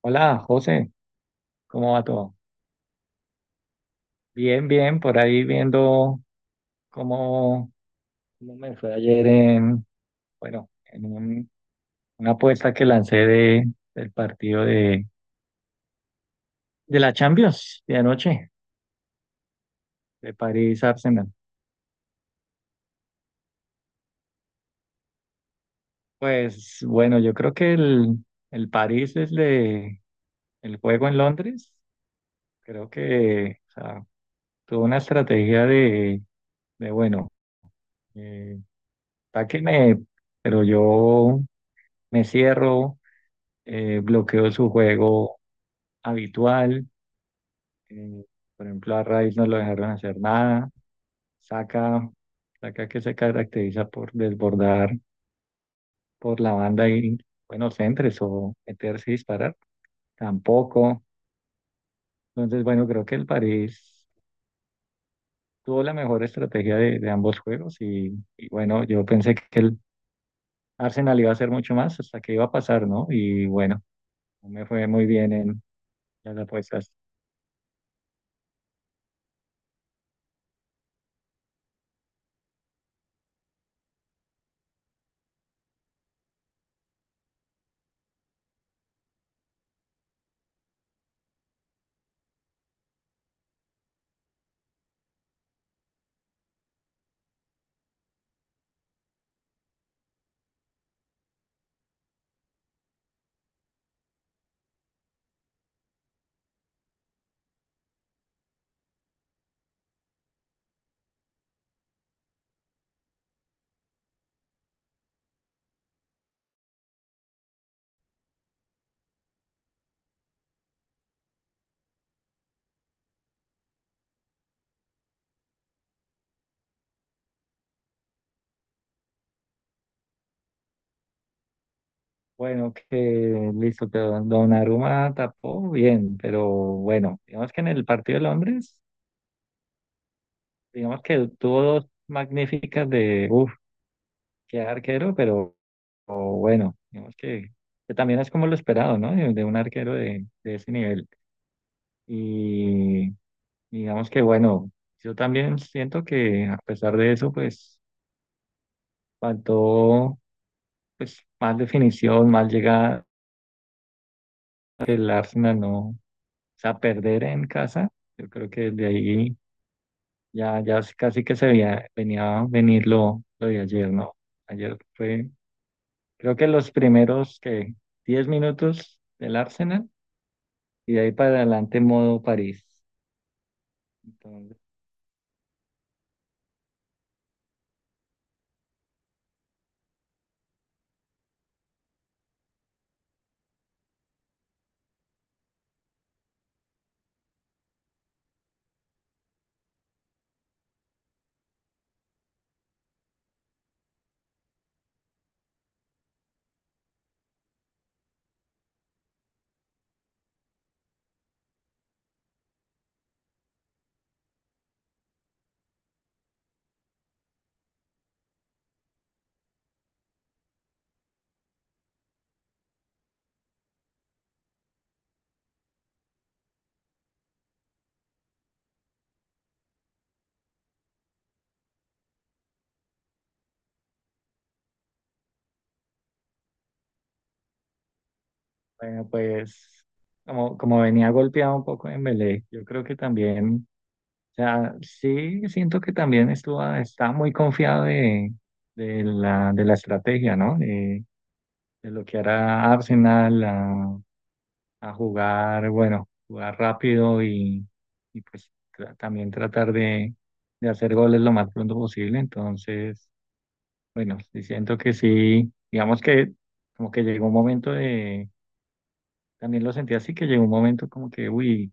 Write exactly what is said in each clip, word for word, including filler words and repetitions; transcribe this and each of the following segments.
Hola, José, ¿cómo va todo? Bien, bien, por ahí viendo cómo, cómo me fue ayer en, bueno, en un- una apuesta que lancé de, del partido de, de la Champions de anoche, de París-Arsenal. Pues bueno, yo creo que el, el París desde el juego en Londres, creo que o sea, tuvo una estrategia de, de bueno, eh, atáquenme, pero yo me cierro, eh, bloqueó su juego habitual. eh, por ejemplo, a Rice no lo dejaron hacer nada. Saca, saca que se caracteriza por desbordar por la banda y buenos centros o meterse y disparar. Tampoco. Entonces, bueno, creo que el París tuvo la mejor estrategia de, de ambos juegos y, y bueno, yo pensé que el Arsenal iba a hacer mucho más hasta que iba a pasar, ¿no? Y bueno, no me fue muy bien en las apuestas. Bueno, que listo, pero Donnarumma tapó bien, pero bueno, digamos que en el partido de Londres, digamos que tuvo dos magníficas de, uff, qué arquero, pero o bueno, digamos que, que también es como lo esperado, ¿no? De, de un arquero de, de ese nivel. Y digamos que bueno, yo también siento que a pesar de eso, pues faltó pues más definición, más llegada, el Arsenal no, o sea, perder en casa. Yo creo que de ahí Ya, ya s- casi que se veía, venía a venir lo, lo de ayer, ¿no? Ayer fue, creo que los primeros que diez minutos del Arsenal y de ahí para adelante modo París. Entonces, bueno, pues como, como venía golpeado un poco en Dembélé, yo creo que también, o sea, sí siento que también estuvo, está muy confiado de, de la, de la estrategia, ¿no? De, de lo que hará Arsenal, a jugar, bueno, jugar rápido y, y pues tra- también tratar de, de hacer goles lo más pronto posible. Entonces, bueno, sí siento que sí, digamos que como que llegó un momento de, también lo sentí así, que llegó un momento como que, uy,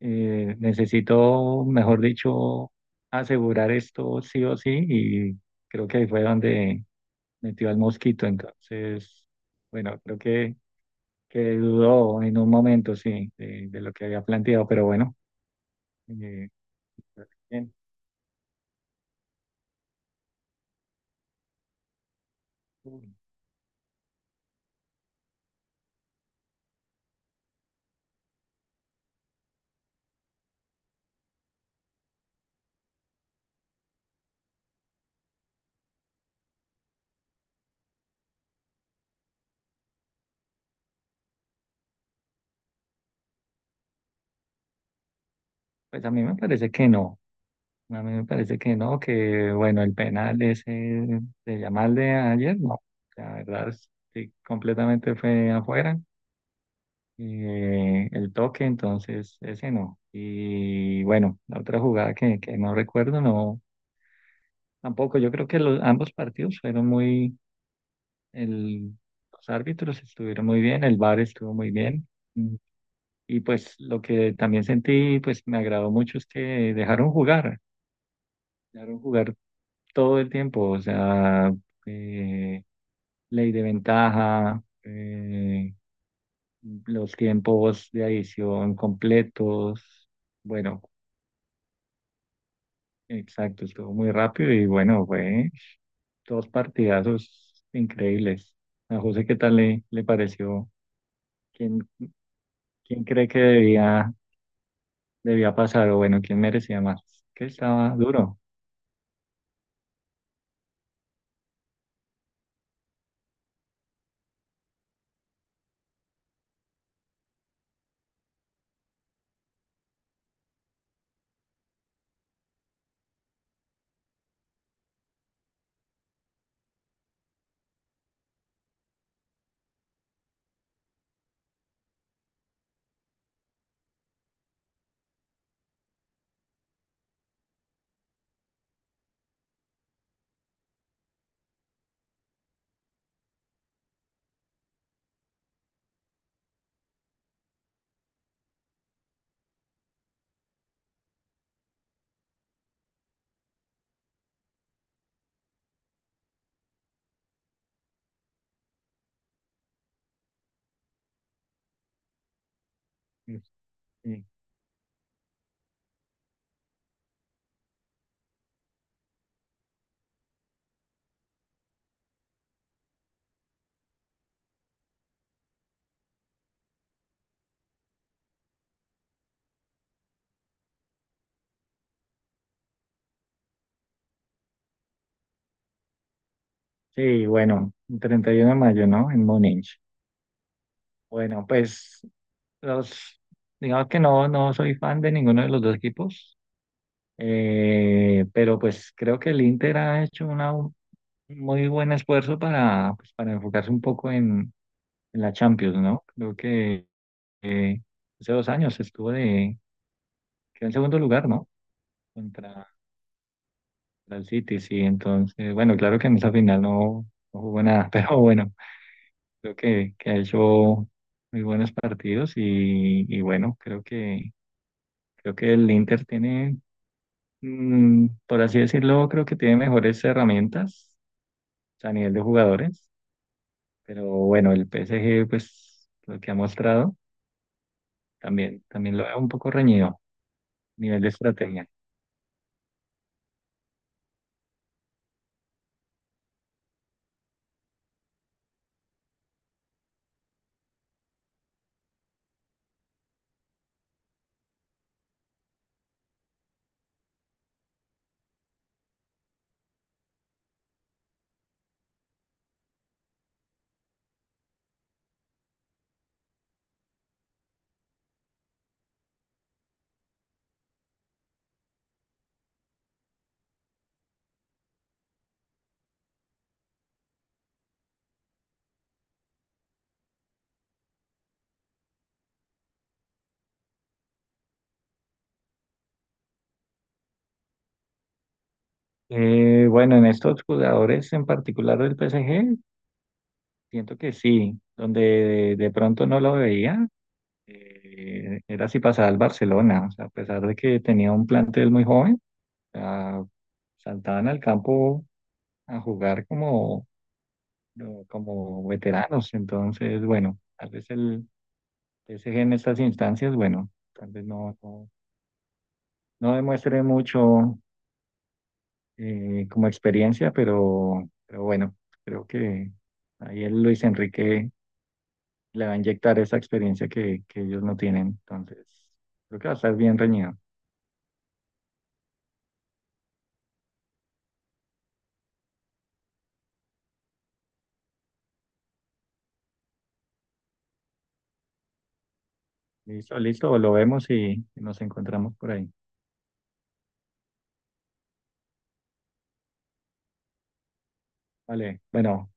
eh, necesito, mejor dicho, asegurar esto sí o sí y creo que ahí fue donde metió al mosquito. Entonces, bueno, creo que... que dudó en un momento, sí, de, de lo que había planteado, pero bueno, eh, bien. Pues a mí me parece que no, a mí me parece que no, que bueno, el penal ese de Yamal de ayer, no, la verdad, sí, completamente fue afuera, eh, el toque, entonces ese no, y bueno, la otra jugada que, que no recuerdo, no, tampoco, yo creo que los, ambos partidos fueron muy, el, los árbitros estuvieron muy bien, el VAR estuvo muy bien. Y pues lo que también sentí, pues me agradó mucho es que dejaron jugar, dejaron jugar todo el tiempo, o sea, eh, ley de ventaja, eh, los tiempos de adición completos, bueno, exacto, estuvo muy rápido y bueno, fue dos partidazos increíbles. A José, ¿qué tal le, le pareció? ¿Quién, quién cree que debía, debía pasar o bueno, quién merecía más? Que estaba duro. Sí. Sí, bueno, el treinta y uno de mayo, ¿no? En Múnich. Bueno, pues los, digamos que no, no soy fan de ninguno de los dos equipos, eh, pero pues creo que el Inter ha hecho una, un muy buen esfuerzo para, pues, para enfocarse un poco en, en la Champions, ¿no? Creo que eh, hace dos años estuvo de, quedó en segundo lugar, ¿no? Contra, contra el City, sí. Entonces, bueno, claro que en esa final no, no jugó nada, pero bueno. Creo que, que ha hecho muy buenos partidos y, y bueno, creo que, creo que el Inter tiene, mm, por así decirlo, creo que tiene mejores herramientas a nivel de jugadores, pero bueno, el P S G, pues lo que ha mostrado, también, también lo veo un poco reñido, a nivel de estrategia. Eh, bueno, en estos jugadores en particular del P S G, siento que sí, donde de, de pronto no lo veía, eh, era si pasaba al Barcelona, o sea, a pesar de que tenía un plantel muy joven, o sea, saltaban al campo a jugar como, no, como veteranos, entonces, bueno, tal vez el P S G en estas instancias, bueno, tal vez no, no, no demuestre mucho, eh, como experiencia, pero, pero bueno, creo que ahí el Luis Enrique le va a inyectar esa experiencia que, que ellos no tienen, entonces, creo que va a estar bien reñido. Listo, listo, lo vemos y nos encontramos por ahí. Vale, bueno,